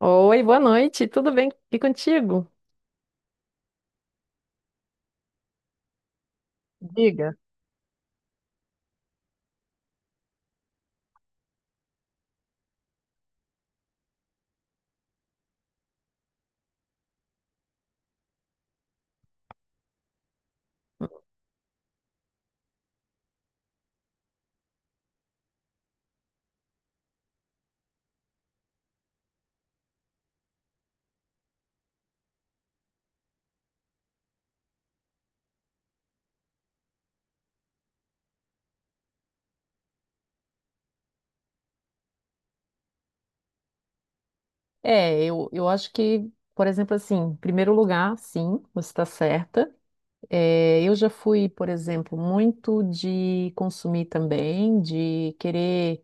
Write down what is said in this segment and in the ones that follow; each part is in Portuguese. Oi, boa noite, tudo bem? E contigo? Diga. Eu acho que, por exemplo, assim, em primeiro lugar, sim, você está certa. Eu já fui, por exemplo, muito de consumir também, de querer.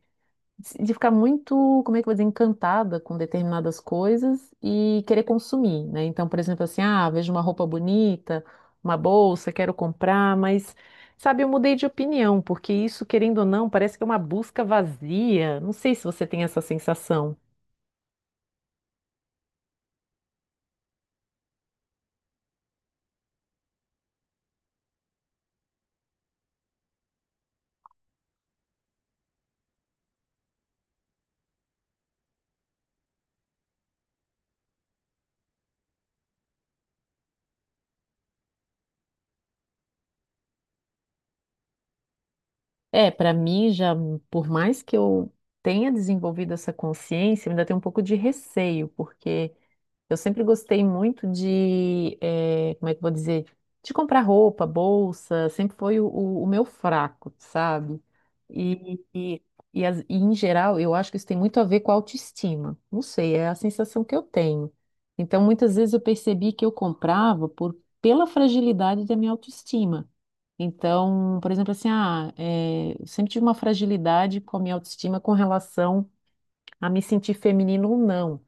De ficar muito, como é que eu vou dizer, encantada com determinadas coisas e querer consumir, né? Então, por exemplo, assim, ah, vejo uma roupa bonita, uma bolsa, quero comprar, mas, sabe, eu mudei de opinião, porque isso, querendo ou não, parece que é uma busca vazia. Não sei se você tem essa sensação. Para mim já, por mais que eu tenha desenvolvido essa consciência, eu ainda tenho um pouco de receio, porque eu sempre gostei muito de, como é que eu vou dizer, de comprar roupa, bolsa, sempre foi o meu fraco, sabe? E, e, e em geral, eu acho que isso tem muito a ver com a autoestima. Não sei, é a sensação que eu tenho. Então, muitas vezes eu percebi que eu comprava por, pela fragilidade da minha autoestima. Então, por exemplo, assim, eu sempre tive uma fragilidade com a minha autoestima com relação a me sentir feminino ou não.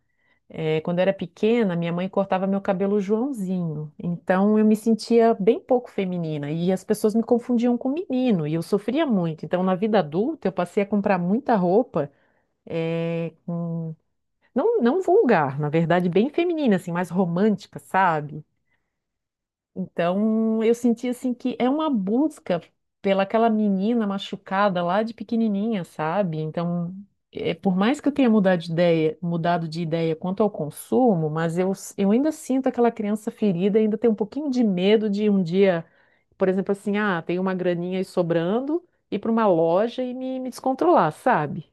É, quando eu era pequena, minha mãe cortava meu cabelo Joãozinho. Então eu me sentia bem pouco feminina e as pessoas me confundiam com menino e eu sofria muito. Então na vida adulta eu passei a comprar muita roupa, é, com- não, não vulgar, na verdade bem feminina, assim, mais romântica, sabe? Então, eu senti assim que é uma busca pela aquela menina machucada lá de pequenininha, sabe? Então, é, por mais que eu tenha mudado de ideia quanto ao consumo, mas eu ainda sinto aquela criança ferida, ainda tem um pouquinho de medo de um dia, por exemplo, assim, ah, tem uma graninha aí sobrando, ir para uma loja e me descontrolar, sabe?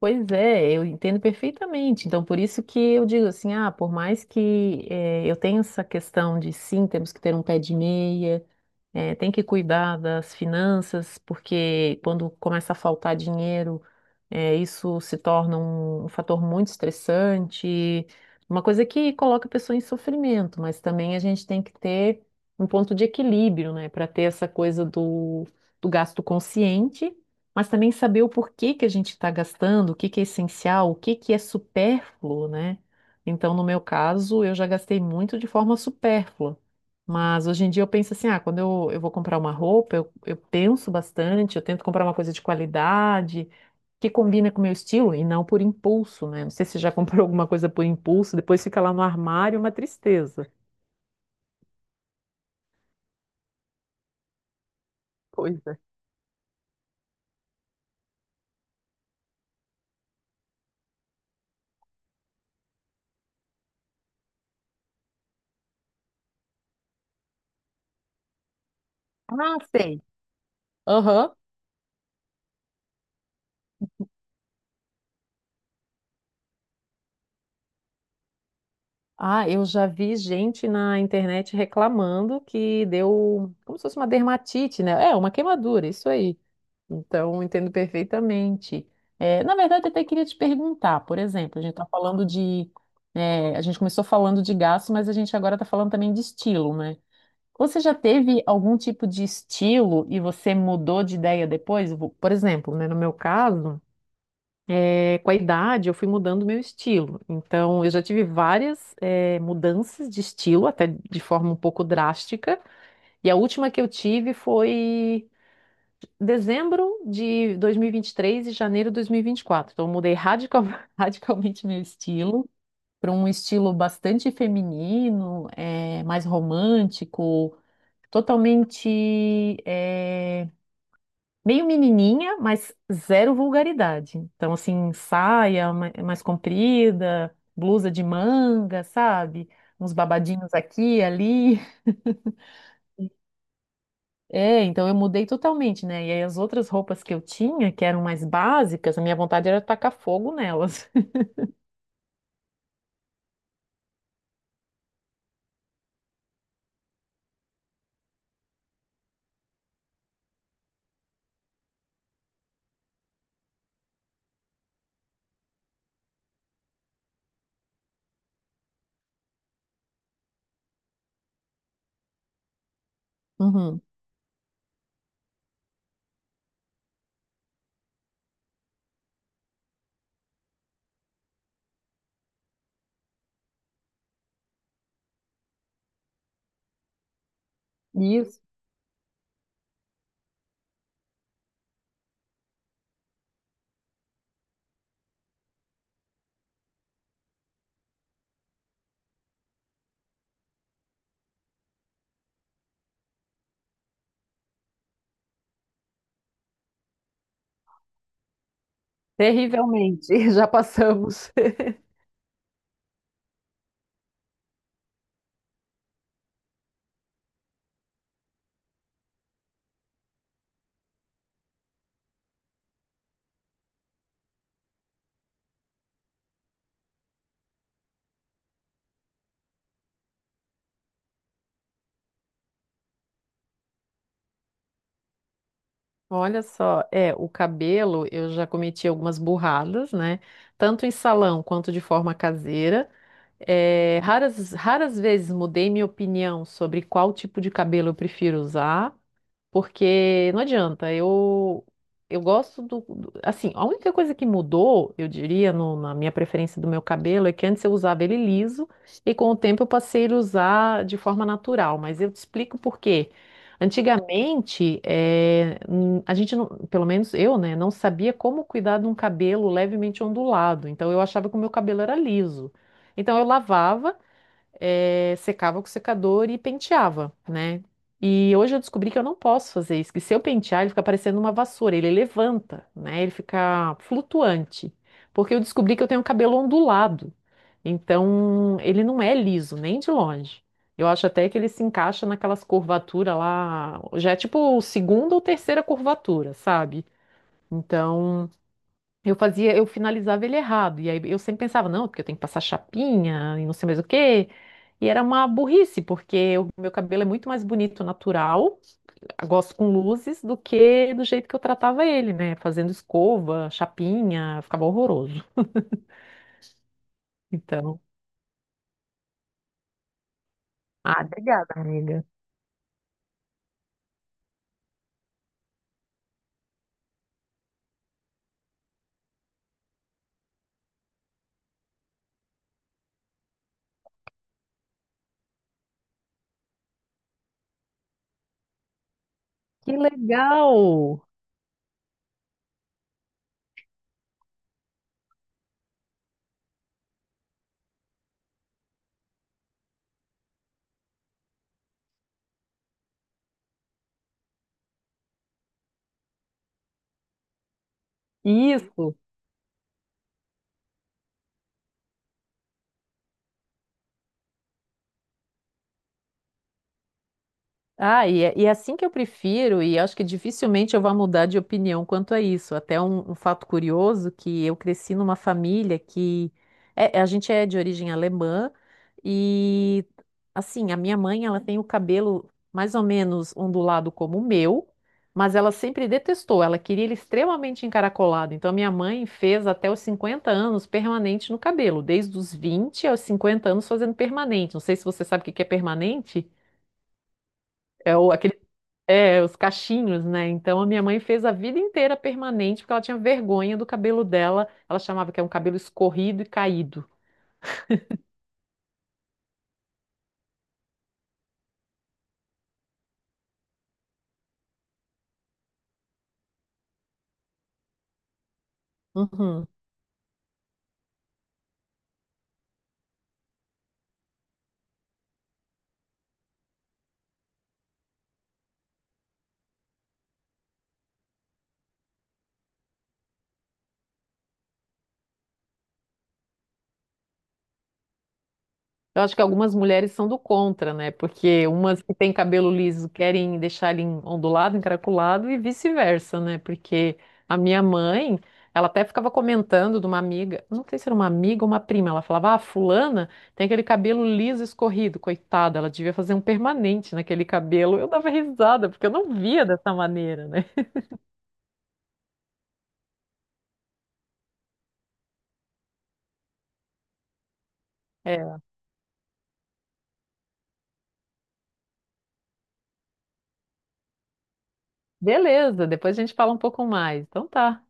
Pois é, eu entendo perfeitamente. Então, por isso que eu digo assim, ah, por mais que eu tenha essa questão de sim, temos que ter um pé de meia, é, tem que cuidar das finanças, porque quando começa a faltar dinheiro, é, isso se torna um fator muito estressante, uma coisa que coloca a pessoa em sofrimento, mas também a gente tem que ter um ponto de equilíbrio, né, para ter essa coisa do gasto consciente, mas também saber o porquê que a gente está gastando, o que que é essencial, o que que é supérfluo, né? Então, no meu caso, eu já gastei muito de forma supérflua. Mas hoje em dia eu penso assim, ah, quando eu vou comprar uma roupa, eu penso bastante, eu tento comprar uma coisa de qualidade, que combina com o meu estilo e não por impulso, né? Não sei se você já comprou alguma coisa por impulso, depois fica lá no armário, uma tristeza. Pois é. Ah, sei. Aham. Ah, eu já vi gente na internet reclamando que deu como se fosse uma dermatite, né? É, uma queimadura, isso aí. Então, eu entendo perfeitamente. É, na verdade, eu até queria te perguntar, por exemplo, a gente está falando de. É, a gente começou falando de gasto, mas a gente agora está falando também de estilo, né? Você já teve algum tipo de estilo e você mudou de ideia depois? Por exemplo, né, no meu caso, é, com a idade, eu fui mudando meu estilo. Então, eu já tive várias, é, mudanças de estilo, até de forma um pouco drástica. E a última que eu tive foi dezembro de 2023 e vinte e três e janeiro de 2024. Então, eu mudei radical- radicalmente meu estilo para um estilo bastante feminino, é, mais romântico, totalmente é, meio menininha, mas zero vulgaridade. Então, assim, saia mais comprida, blusa de manga, sabe? Uns babadinhos aqui ali. É, então eu mudei totalmente, né? E aí as outras roupas que eu tinha, que eram mais básicas, a minha vontade era tacar fogo nelas. Uhum. Isso, terrivelmente, já passamos. Olha só, é, o cabelo eu já cometi algumas burradas, né? Tanto em salão quanto de forma caseira. É, raras, raras vezes mudei minha opinião sobre qual tipo de cabelo eu prefiro usar. Porque não adianta, eu gosto assim, a única coisa que mudou, eu diria, na minha preferência do meu cabelo é que antes eu usava ele liso e com o tempo eu passei a usar de forma natural, mas eu te explico por quê. Antigamente, a gente não, pelo menos eu, né, não sabia como cuidar de um cabelo levemente ondulado, então eu achava que o meu cabelo era liso. Então eu lavava secava com o secador e penteava, né? E hoje eu descobri que eu não posso fazer isso, que se eu pentear, ele fica parecendo uma vassoura, ele levanta, né? Ele fica flutuante. Porque eu descobri que eu tenho cabelo ondulado. Então, ele não é liso, nem de longe. Eu acho até que ele se encaixa naquelas curvaturas lá, já é tipo segunda ou terceira curvatura, sabe? Então, eu fazia, eu finalizava ele errado. E aí eu sempre pensava, não, porque eu tenho que passar chapinha e não sei mais o quê. E era uma burrice, porque o meu cabelo é muito mais bonito natural, eu gosto com luzes, do que do jeito que eu tratava ele, né? Fazendo escova, chapinha, ficava horroroso. Então. Ah, obrigada, amiga. Que legal! Isso! Ah, e é assim que eu prefiro, e acho que dificilmente eu vou mudar de opinião quanto a isso. Até um fato curioso que eu cresci numa família que a gente é de origem alemã e assim, a minha mãe, ela tem o cabelo mais ou menos ondulado como o meu, mas ela sempre detestou, ela queria ele extremamente encaracolado. Então a minha mãe fez até os 50 anos permanente no cabelo, desde os 20 aos 50 anos fazendo permanente. Não sei se você sabe o que que é permanente. É o, aquele é, os cachinhos, né? Então a minha mãe fez a vida inteira permanente porque ela tinha vergonha do cabelo dela. Ela chamava que é um cabelo escorrido e caído. Uhum. Eu acho que algumas mulheres são do contra, né? Porque umas que têm cabelo liso querem deixar ele ondulado, encaracolado e vice-versa, né? Porque a minha mãe, ela até ficava comentando de uma amiga, não sei se era uma amiga ou uma prima, ela falava: Ah, fulana tem aquele cabelo liso escorrido, coitada, ela devia fazer um permanente naquele cabelo. Eu dava risada, porque eu não via dessa maneira, né? É. Beleza, depois a gente fala um pouco mais. Então tá.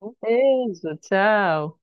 Um beijo, tchau.